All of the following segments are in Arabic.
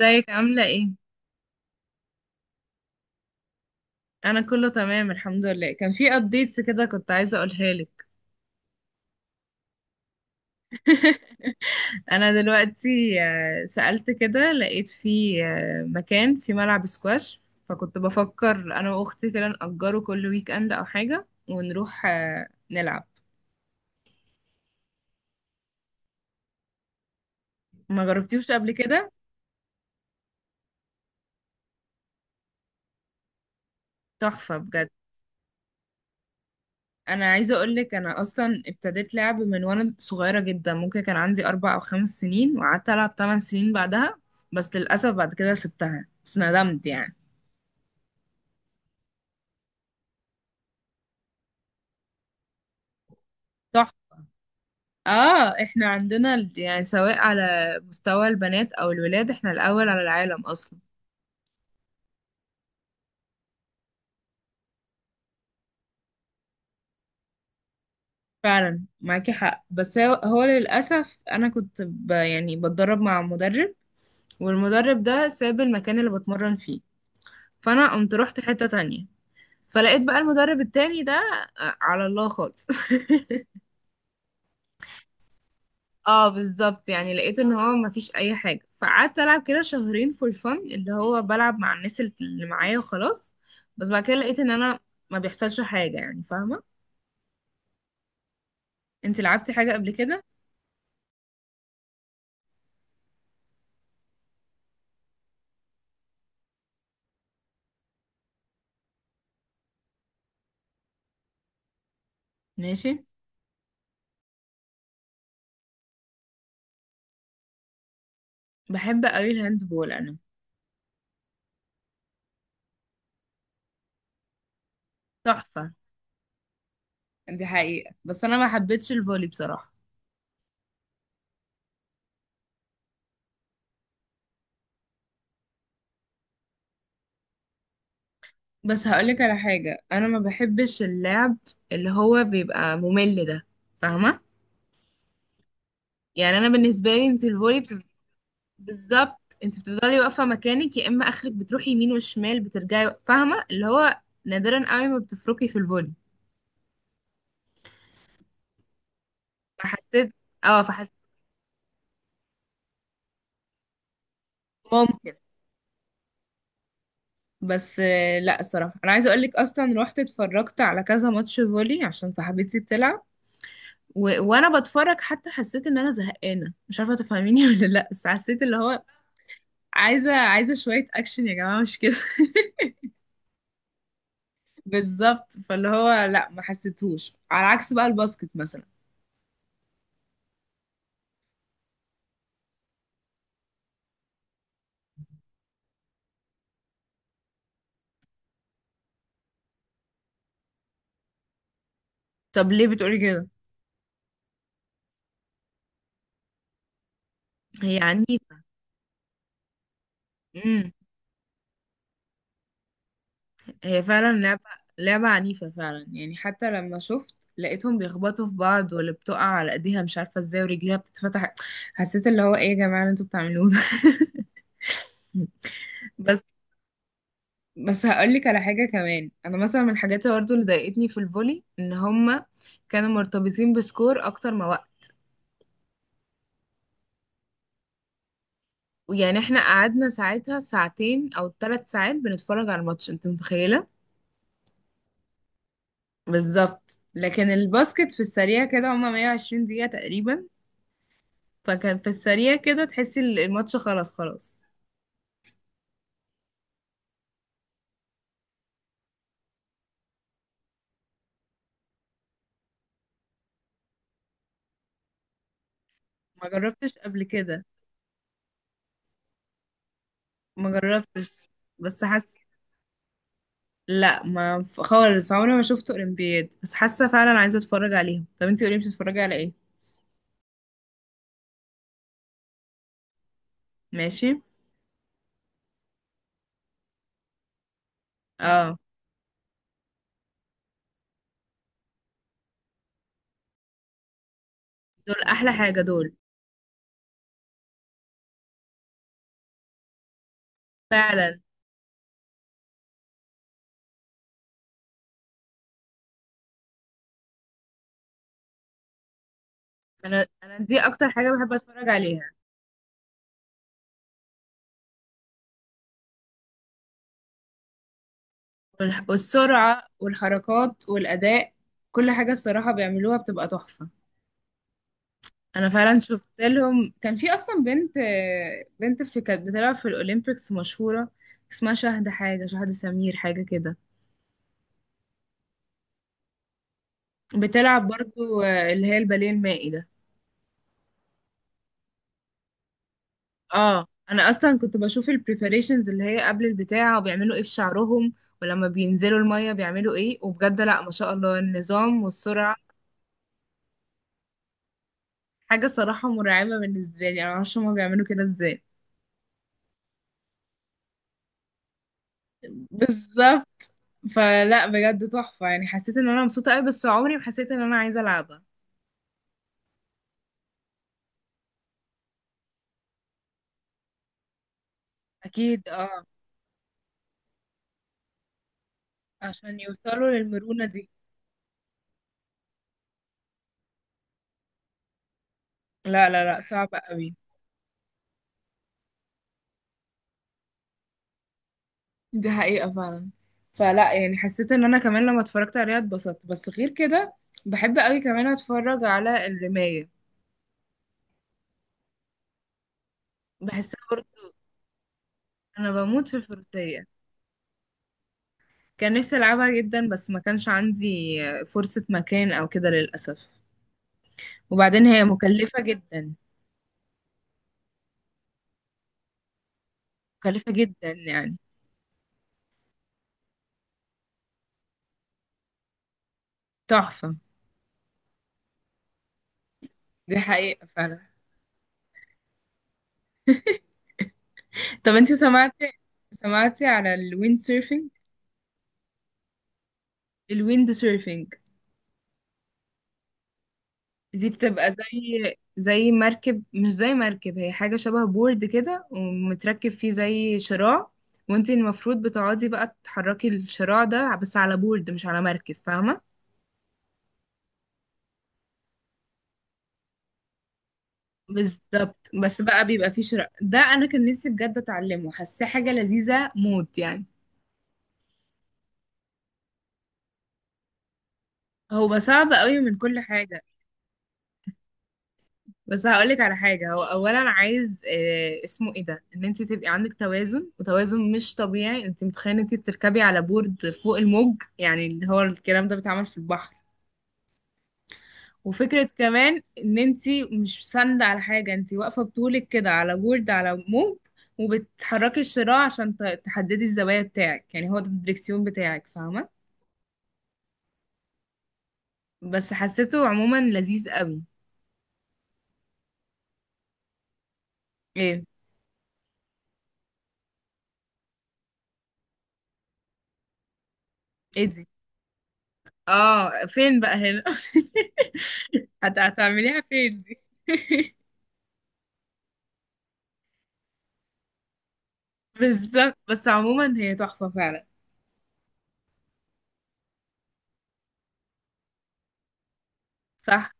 ازيك عاملة ايه؟ أنا كله تمام الحمد لله. كان في updates كده كنت عايزة أقولها لك. أنا دلوقتي سألت كده لقيت في مكان، في ملعب سكواش، فكنت بفكر أنا وأختي كده نأجره كل ويك أند أو حاجة ونروح نلعب. ما جربتيوش قبل كده؟ تحفة بجد. أنا عايزة أقولك، أنا أصلا ابتديت لعب من وأنا صغيرة جدا، ممكن كان عندي 4 أو 5 سنين، وقعدت ألعب 8 سنين بعدها. بس للأسف بعد كده سبتها، بس ندمت يعني. اه احنا عندنا يعني سواء على مستوى البنات او الولاد احنا الاول على العالم اصلا. فعلا معاكي حق، بس هو للاسف انا كنت يعني بتدرب مع مدرب، والمدرب ده ساب المكان اللي بتمرن فيه، فانا قمت رحت حتة تانية. فلقيت بقى المدرب التاني ده على الله خالص اه بالظبط، يعني لقيت ان هو مفيش اي حاجه، فقعدت العب كده شهرين فور فن، اللي هو بلعب مع الناس اللي معايا وخلاص. بس بعد كده لقيت ان انا ما بيحصلش حاجه، يعني فاهمه. انت لعبتي حاجه قبل كده؟ ماشي. بحب قوي الهاند بول انا. تحفه. دي حقيقه، بس انا ما حبيتش الفولي بصراحه. بس هقولك على حاجه، انا ما بحبش اللعب اللي هو بيبقى ممل ده. فاهمه. يعني انا بالنسبه لي انت الفولي بالظبط، انت بتفضلي واقفه مكانك، يا اما اخرك بتروحي يمين وشمال بترجعي، فاهمه اللي هو نادرا قوي ما بتفركي في الفولي. فحسيت. اه فحسيت ممكن. بس لا الصراحه، انا عايزه اقول لك اصلا رحت اتفرجت على كذا ماتش فولي عشان صاحبتي بتلعب. وانا بتفرج حتى حسيت ان انا زهقانه، مش عارفه تفهميني ولا لا. بس حسيت اللي هو عايزه شويه اكشن يا جماعه، مش كده؟ بالظبط، فاللي هو لا ما حسيتهوش، على عكس بقى الباسكت مثلا. طب ليه بتقولي كده؟ هي عنيفة. امم. هي فعلا لعبة. لعبة عنيفة فعلا يعني، حتى لما شفت لقيتهم بيخبطوا في بعض، واللي بتقع على ايديها مش عارفة ازاي ورجليها بتتفتح. حسيت اللي هو ايه يا جماعة اللي انتوا بتعملوه ده؟ بس. بس هقولك على حاجة كمان، أنا مثلا من الحاجات اللي برضه اللي ضايقتني في الفولي إن هما كانوا مرتبطين بسكور أكتر ما وقت. يعني احنا قعدنا ساعتها ساعتين أو 3 ساعات بنتفرج على الماتش، أنت متخيلة؟ بالظبط. لكن الباسكت في السريع كده هما 120 دقيقة تقريبا، فكان في السريع كده تحسي الماتش خلاص خلاص. ما جربتش قبل كده. ما جربتش. بس حاسه. لا ما ف- خالص، عمري ما شفت اولمبياد، بس حاسه فعلا عايزه اتفرج عليهم. طب انتي قولي بتتفرجي على ايه؟ ماشي. اه. دول احلى حاجه دول، فعلا. انا دي اكتر حاجه بحب اتفرج عليها. والسرعه والحركات والاداء، كل حاجه الصراحه بيعملوها بتبقى تحفه. انا فعلا شفت لهم، كان في اصلا بنت. بنت في كانت بتلعب في الاولمبيكس مشهوره، اسمها شهد حاجه، شهد سمير حاجه كده. بتلعب برضو اللي هي الباليه المائي ده. اه انا اصلا كنت بشوف البريباريشنز اللي هي قبل البتاع، وبيعملوا ايه في شعرهم ولما بينزلوا الميه بيعملوا ايه، وبجد لا ما شاء الله النظام والسرعه. حاجه صراحه مرعبه بالنسبه لي، انا معرفش هما بيعملوا كده ازاي. بالظبط. فلا بجد تحفة، يعني حسيت ان انا مبسوطة قوي، بس عمري ما حسيت ان انا عايزة العبها. اكيد اه. عشان يوصلوا للمرونة دي. لا لا لا، صعبة قوي. دي حقيقة فعلا. فلا يعني حسيت ان انا كمان لما اتفرجت عليها اتبسطت، بس غير كده بحب قوي كمان اتفرج على الرماية. بحسها برضه. انا بموت في الفروسية. كان نفسي العبها جدا، بس ما كانش عندي فرصة مكان او كده للأسف. وبعدين هي مكلفة جدا. مكلفة جدا يعني. تحفة. دي حقيقة فعلا. طب انت سمعتي؟ سمعتي على الويند سيرفينج؟ الويند سيرفينج دي بتبقى زي مركب، مش زي مركب، هي حاجة شبه بورد كده ومتركب فيه زي شراع. وانت المفروض بتقعدي بقى تحركي الشراع ده بس على بورد مش على مركب، فاهمة؟ بالظبط. بس بقى بيبقى فيه شراع ده، انا كان نفسي بجد اتعلمه، حاساه حاجة لذيذة موت يعني. هو صعب قوي من كل حاجة. بس هقولك على حاجة، هو أولا عايز اسمه ايه ده، ان انت تبقي عندك توازن، وتوازن مش طبيعي. انت متخيلة انت بتركبي على بورد فوق الموج، يعني اللي هو الكلام ده بيتعمل في البحر. وفكرة كمان ان انت مش ساندة على حاجة، انت واقفة بطولك كده على بورد على موج، وبتحركي الشراع عشان تحددي الزوايا بتاعك، يعني هو ده الدريكسيون بتاعك، فاهمة؟ بس حسيته عموما لذيذ قوي. ايه؟ ايه دي؟ اه فين بقى هنا؟ هتعمليها فين دي؟ بالظبط، بس عموما هي تحفة فعلا. صح.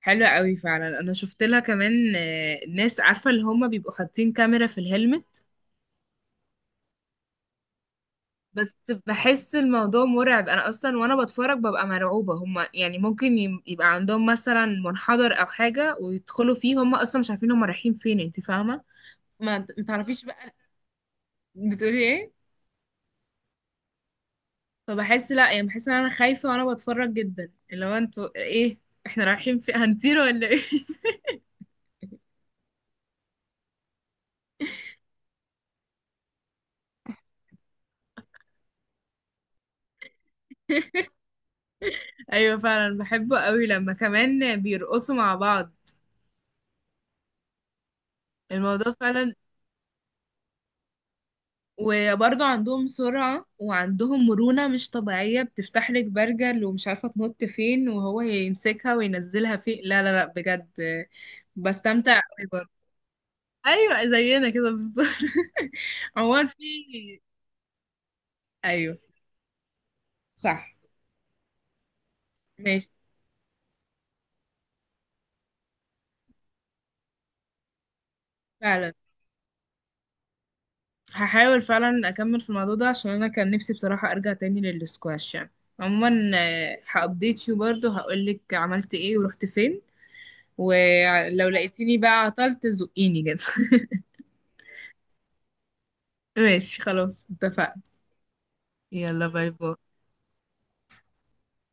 حلوة قوي فعلا، انا شفت لها كمان ناس عارفة اللي هما بيبقوا حاطين كاميرا في الهلمت. بس بحس الموضوع مرعب، انا اصلا وانا بتفرج ببقى مرعوبة. هما يعني ممكن يبقى عندهم مثلا منحدر او حاجة ويدخلوا فيه، هما اصلا مش عارفين هما رايحين فين، انت فاهمة؟ ما تعرفيش بقى. بتقولي ايه؟ فبحس لا، يعني بحس ان انا خايفة وانا بتفرج جدا، اللي هو انتوا ايه؟ احنا رايحين في هنطير ولا ايه؟ ايوه فعلا. بحبه قوي لما كمان بيرقصوا مع بعض. الموضوع فعلا. وبرضه عندهم سرعة وعندهم مرونة مش طبيعية، بتفتح لك برجل ومش عارفة تنط فين، وهو يمسكها وينزلها فين، لا لا لا بجد. بستمتع قوي برضه. ايوه زينا كده بالظبط. عموما في. ايوه. صح. ماشي. فعلا. هحاول فعلا اكمل في الموضوع ده عشان انا كان نفسي بصراحة ارجع تاني للسكواش يعني. عموما هابديت يو برضه هقولك عملت ايه ورحت فين. ولو لقيتيني بقى عطلت زقيني كده. ماشي خلاص اتفقنا. يلا باي باي.